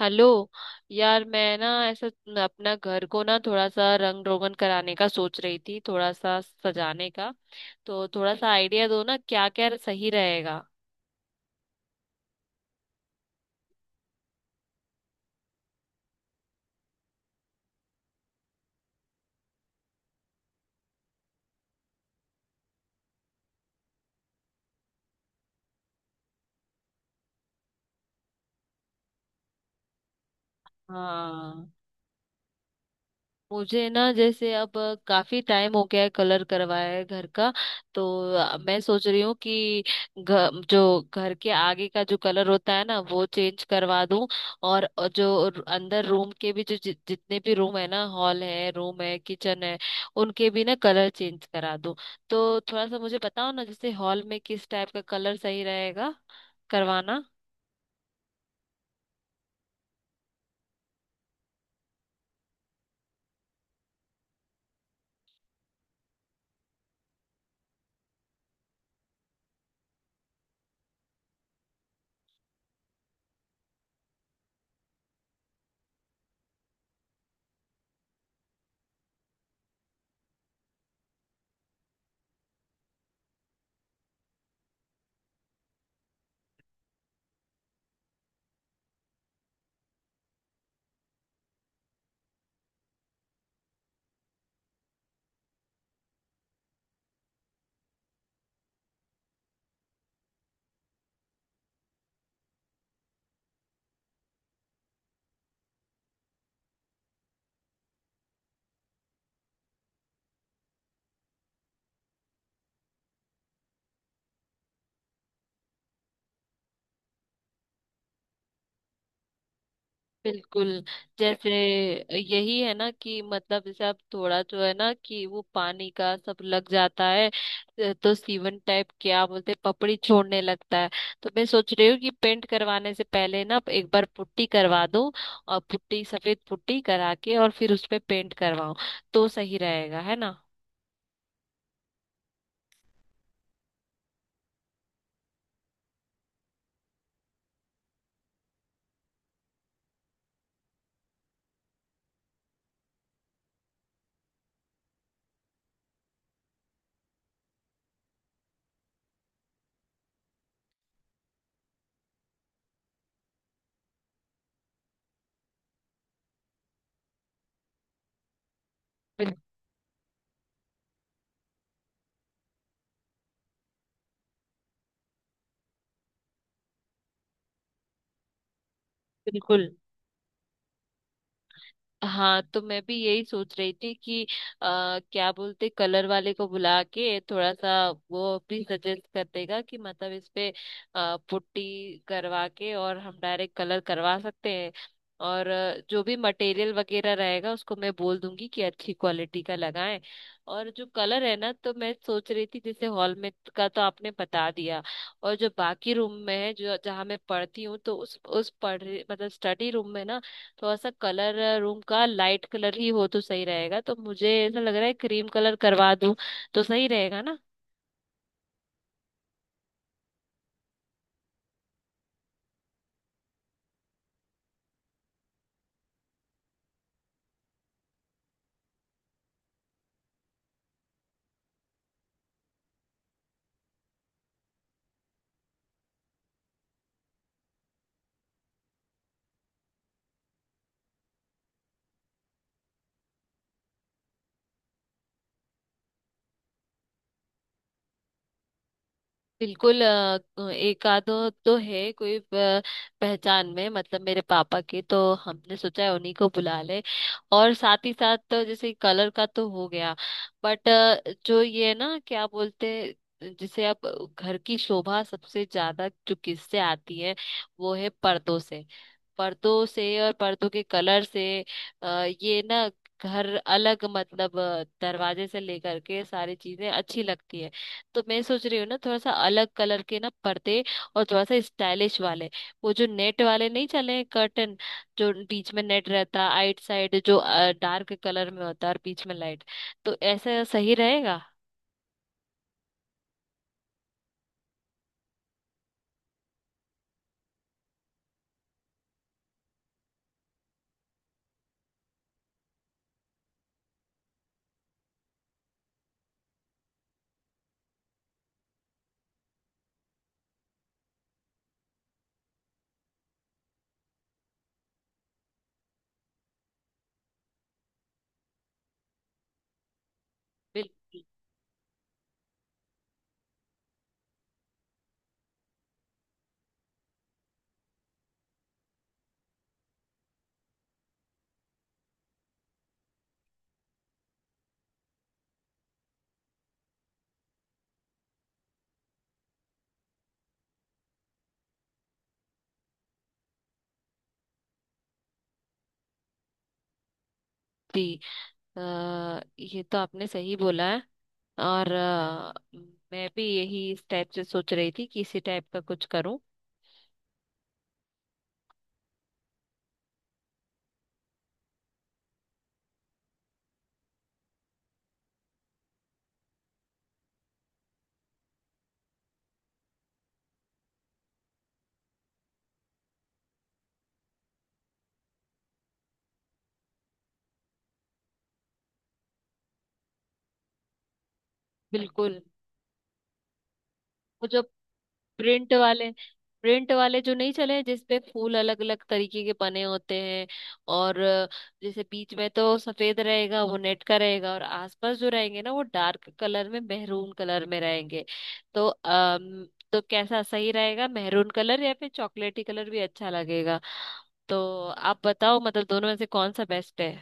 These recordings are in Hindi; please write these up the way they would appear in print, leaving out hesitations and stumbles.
हेलो। यार, मैं ना ऐसा अपना घर को ना थोड़ा सा रंग रोगन कराने का सोच रही थी, थोड़ा सा सजाने का। तो थोड़ा सा आइडिया दो ना, क्या क्या सही रहेगा। हाँ, मुझे ना जैसे अब काफी टाइम हो गया है, कलर करवाया है घर का। तो मैं सोच रही हूँ कि घ, जो घर के आगे का जो कलर होता है ना वो चेंज करवा दूं। और जो अंदर रूम के भी, जो जितने भी रूम है ना, हॉल है रूम है किचन है, उनके भी ना कलर चेंज करा दूं। तो थोड़ा सा मुझे बताओ ना, जैसे हॉल में किस टाइप का कलर सही रहेगा करवाना। बिल्कुल। जैसे यही है ना कि मतलब जैसे आप थोड़ा जो है ना कि वो पानी का सब लग जाता है तो सीवन टाइप क्या बोलते हैं, पपड़ी छोड़ने लगता है। तो मैं सोच रही हूँ कि पेंट करवाने से पहले ना एक बार पुट्टी करवा दो, और पुट्टी सफेद पुट्टी करा के और फिर उस पे पेंट करवाओ तो सही रहेगा, है ना। बिल- बिल्कुल। हाँ, तो मैं भी यही सोच रही थी कि क्या बोलते, कलर वाले को बुला के थोड़ा सा, वो भी सजेस्ट कर देगा कि मतलब इस पे पुट्टी करवा के और हम डायरेक्ट कलर करवा सकते हैं। और जो भी मटेरियल वगैरह रहेगा उसको मैं बोल दूंगी कि अच्छी क्वालिटी का लगाएं। और जो कलर है ना, तो मैं सोच रही थी, जैसे हॉल में का तो आपने बता दिया। और जो बाकी रूम में है जो, जहाँ मैं पढ़ती हूँ, तो उस पढ़ मतलब स्टडी रूम में ना थोड़ा सा कलर, रूम का लाइट कलर ही हो तो सही रहेगा। तो मुझे ऐसा लग रहा है क्रीम कलर करवा दूं तो सही रहेगा ना। बिल्कुल। एक आध तो है कोई पहचान में, मतलब मेरे पापा के, तो हमने सोचा है उन्हीं को बुला ले। और साथ ही साथ, तो जैसे कलर का तो हो गया, बट जो ये है ना क्या बोलते हैं, जिसे आप घर की शोभा सबसे ज्यादा जो किससे आती है, वो है पर्दों से। पर्दों से और पर्दों के कलर से। अ, ये ना घर अलग, मतलब दरवाजे से लेकर के सारी चीजें अच्छी लगती है। तो मैं सोच रही हूँ ना थोड़ा सा अलग कलर के ना पर्दे, और थोड़ा सा स्टाइलिश वाले, वो जो नेट वाले नहीं चले हैं कर्टन, जो बीच में नेट रहता आइट साइड जो डार्क कलर में होता है और बीच में लाइट, तो ऐसा सही रहेगा। बिल्कुल। जी। अ, ये तो आपने सही बोला है। और मैं भी यही इस टाइप से सोच रही थी कि इसी टाइप का कुछ करूं। बिल्कुल। वो जो प्रिंट वाले, प्रिंट वाले जो नहीं चले जिसपे फूल अलग अलग तरीके के बने होते हैं। और जैसे बीच में तो सफेद रहेगा, वो नेट का रहेगा, और आसपास जो रहेंगे ना वो डार्क कलर में मेहरून कलर में रहेंगे। तो तो कैसा सही रहेगा, मेहरून कलर या फिर चॉकलेटी कलर भी अच्छा लगेगा। तो आप बताओ मतलब दोनों में से कौन सा बेस्ट है।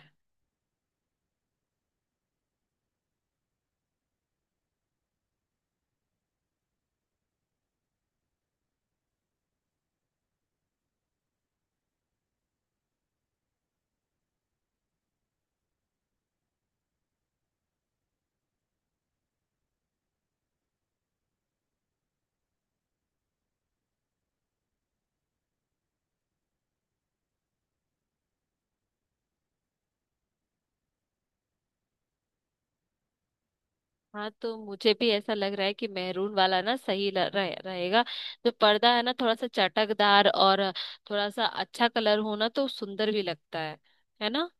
हाँ, तो मुझे भी ऐसा लग रहा है कि मैरून वाला ना सही रहेगा। जो पर्दा है ना थोड़ा सा चटकदार और थोड़ा सा अच्छा कलर हो ना तो सुंदर भी लगता है ना।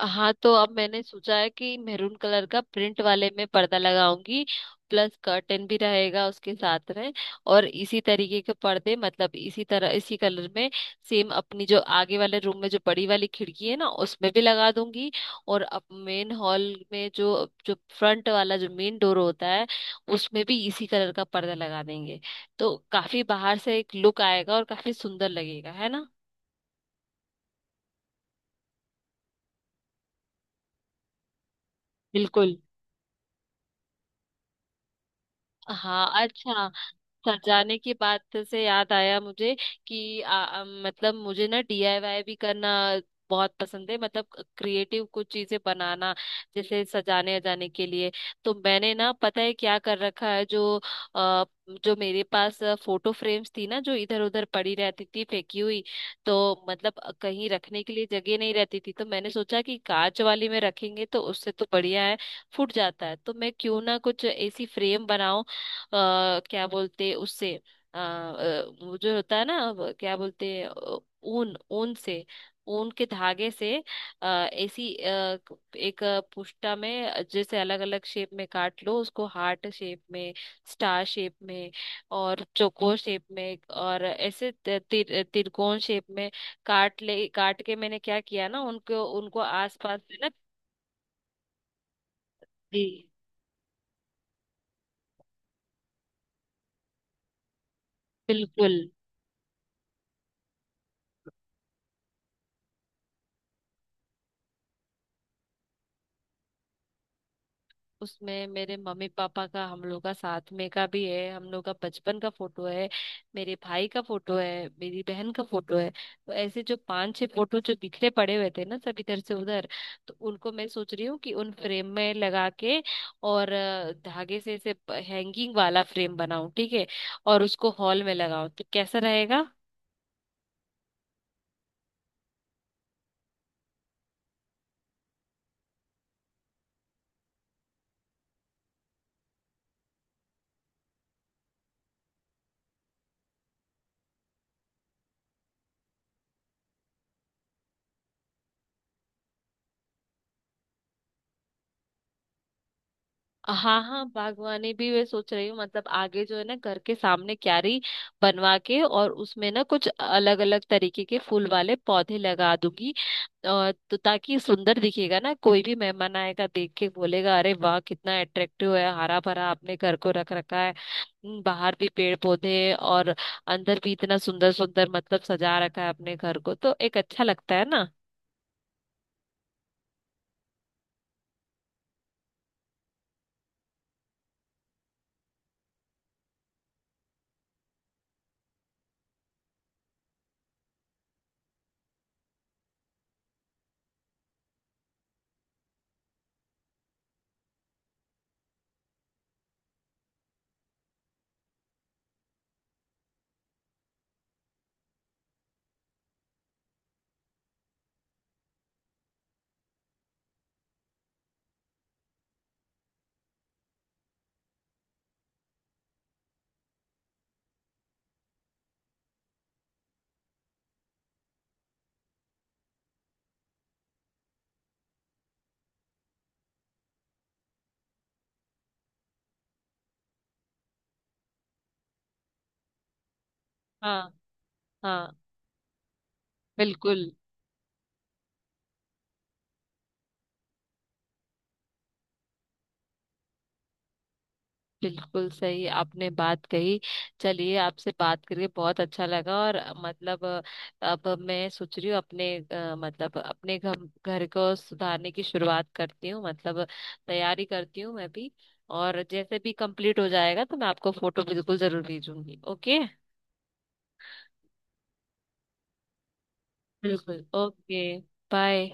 हाँ, तो अब मैंने सोचा है कि मेरून कलर का प्रिंट वाले में पर्दा लगाऊंगी। प्लस कर्टन भी रहेगा उसके साथ में। और इसी तरीके के पर्दे, मतलब इसी तरह, इसी कलर में, सेम अपनी जो आगे वाले रूम में जो बड़ी वाली खिड़की है ना उसमें भी लगा दूंगी। और अब मेन हॉल में, जो जो फ्रंट वाला जो मेन डोर होता है, उसमें भी इसी कलर का पर्दा लगा देंगे। तो काफी बाहर से एक लुक आएगा और काफी सुंदर लगेगा, है ना। बिल्कुल। हाँ, अच्छा। सर, जाने की बात से याद आया मुझे कि आ, आ, मतलब मुझे ना डीआईवाई भी करना बहुत पसंद है, मतलब क्रिएटिव कुछ चीजें बनाना, जैसे सजाने अजाने के लिए। तो मैंने ना, पता है क्या कर रखा है, जो आ, जो मेरे पास फोटो फ्रेम्स थी ना जो इधर उधर पड़ी रहती थी फेंकी हुई, तो मतलब कहीं रखने के लिए जगह नहीं रहती थी, तो मैंने सोचा कि कांच वाली में रखेंगे तो उससे तो बढ़िया है, फूट जाता है, तो मैं क्यों ना कुछ ऐसी फ्रेम बनाऊं, अ, क्या बोलते उससे, वो जो होता है ना वो क्या बोलते हैं, ऊन, ऊन से, ऊन के धागे से, ऐसी एक पुष्टा में, जैसे अलग अलग शेप में काट लो उसको, हार्ट शेप में, स्टार शेप में, और चौकोर शेप में, और ऐसे तिरकोण शेप में काट ले। काट के मैंने क्या किया ना, उनको उनको आसपास से ना। जी। बिल्कुल। उसमें मेरे मम्मी पापा का, हम लोग का साथ में का भी है, हम लोग का बचपन का फोटो है, मेरे भाई का फोटो है, मेरी बहन का फोटो है। तो ऐसे जो पांच छह फोटो जो बिखरे पड़े हुए थे ना सब इधर से उधर, तो उनको मैं सोच रही हूँ कि उन फ्रेम में लगा के और धागे से ऐसे हैंगिंग वाला फ्रेम बनाऊं, ठीक है, और उसको हॉल में लगाऊं तो कैसा रहेगा। हाँ हाँ, बागवानी भी मैं सोच रही हूँ, मतलब आगे जो है ना घर के सामने क्यारी बनवा के और उसमें ना कुछ अलग अलग तरीके के फूल वाले पौधे लगा दूंगी। और तो ताकि सुंदर दिखेगा ना, कोई भी मेहमान आएगा देख के बोलेगा, अरे वाह कितना अट्रैक्टिव है, हरा भरा आपने घर को रख रखा है। बाहर भी पेड़ पौधे और अंदर भी इतना सुंदर सुंदर, मतलब सजा रखा है अपने घर को तो एक अच्छा लगता है ना। हाँ हाँ। बिल्कुल। बिल्कुल सही आपने बात कही। चलिए, आपसे बात करके बहुत अच्छा लगा, और मतलब अब मैं सोच रही हूँ अपने, मतलब अपने घर, घर को सुधारने की शुरुआत करती हूँ, मतलब तैयारी करती हूँ मैं भी। और जैसे भी कंप्लीट हो जाएगा तो मैं आपको फोटो बिल्कुल जरूर भेजूंगी, ओके। बिल्कुल, ओके, बाय।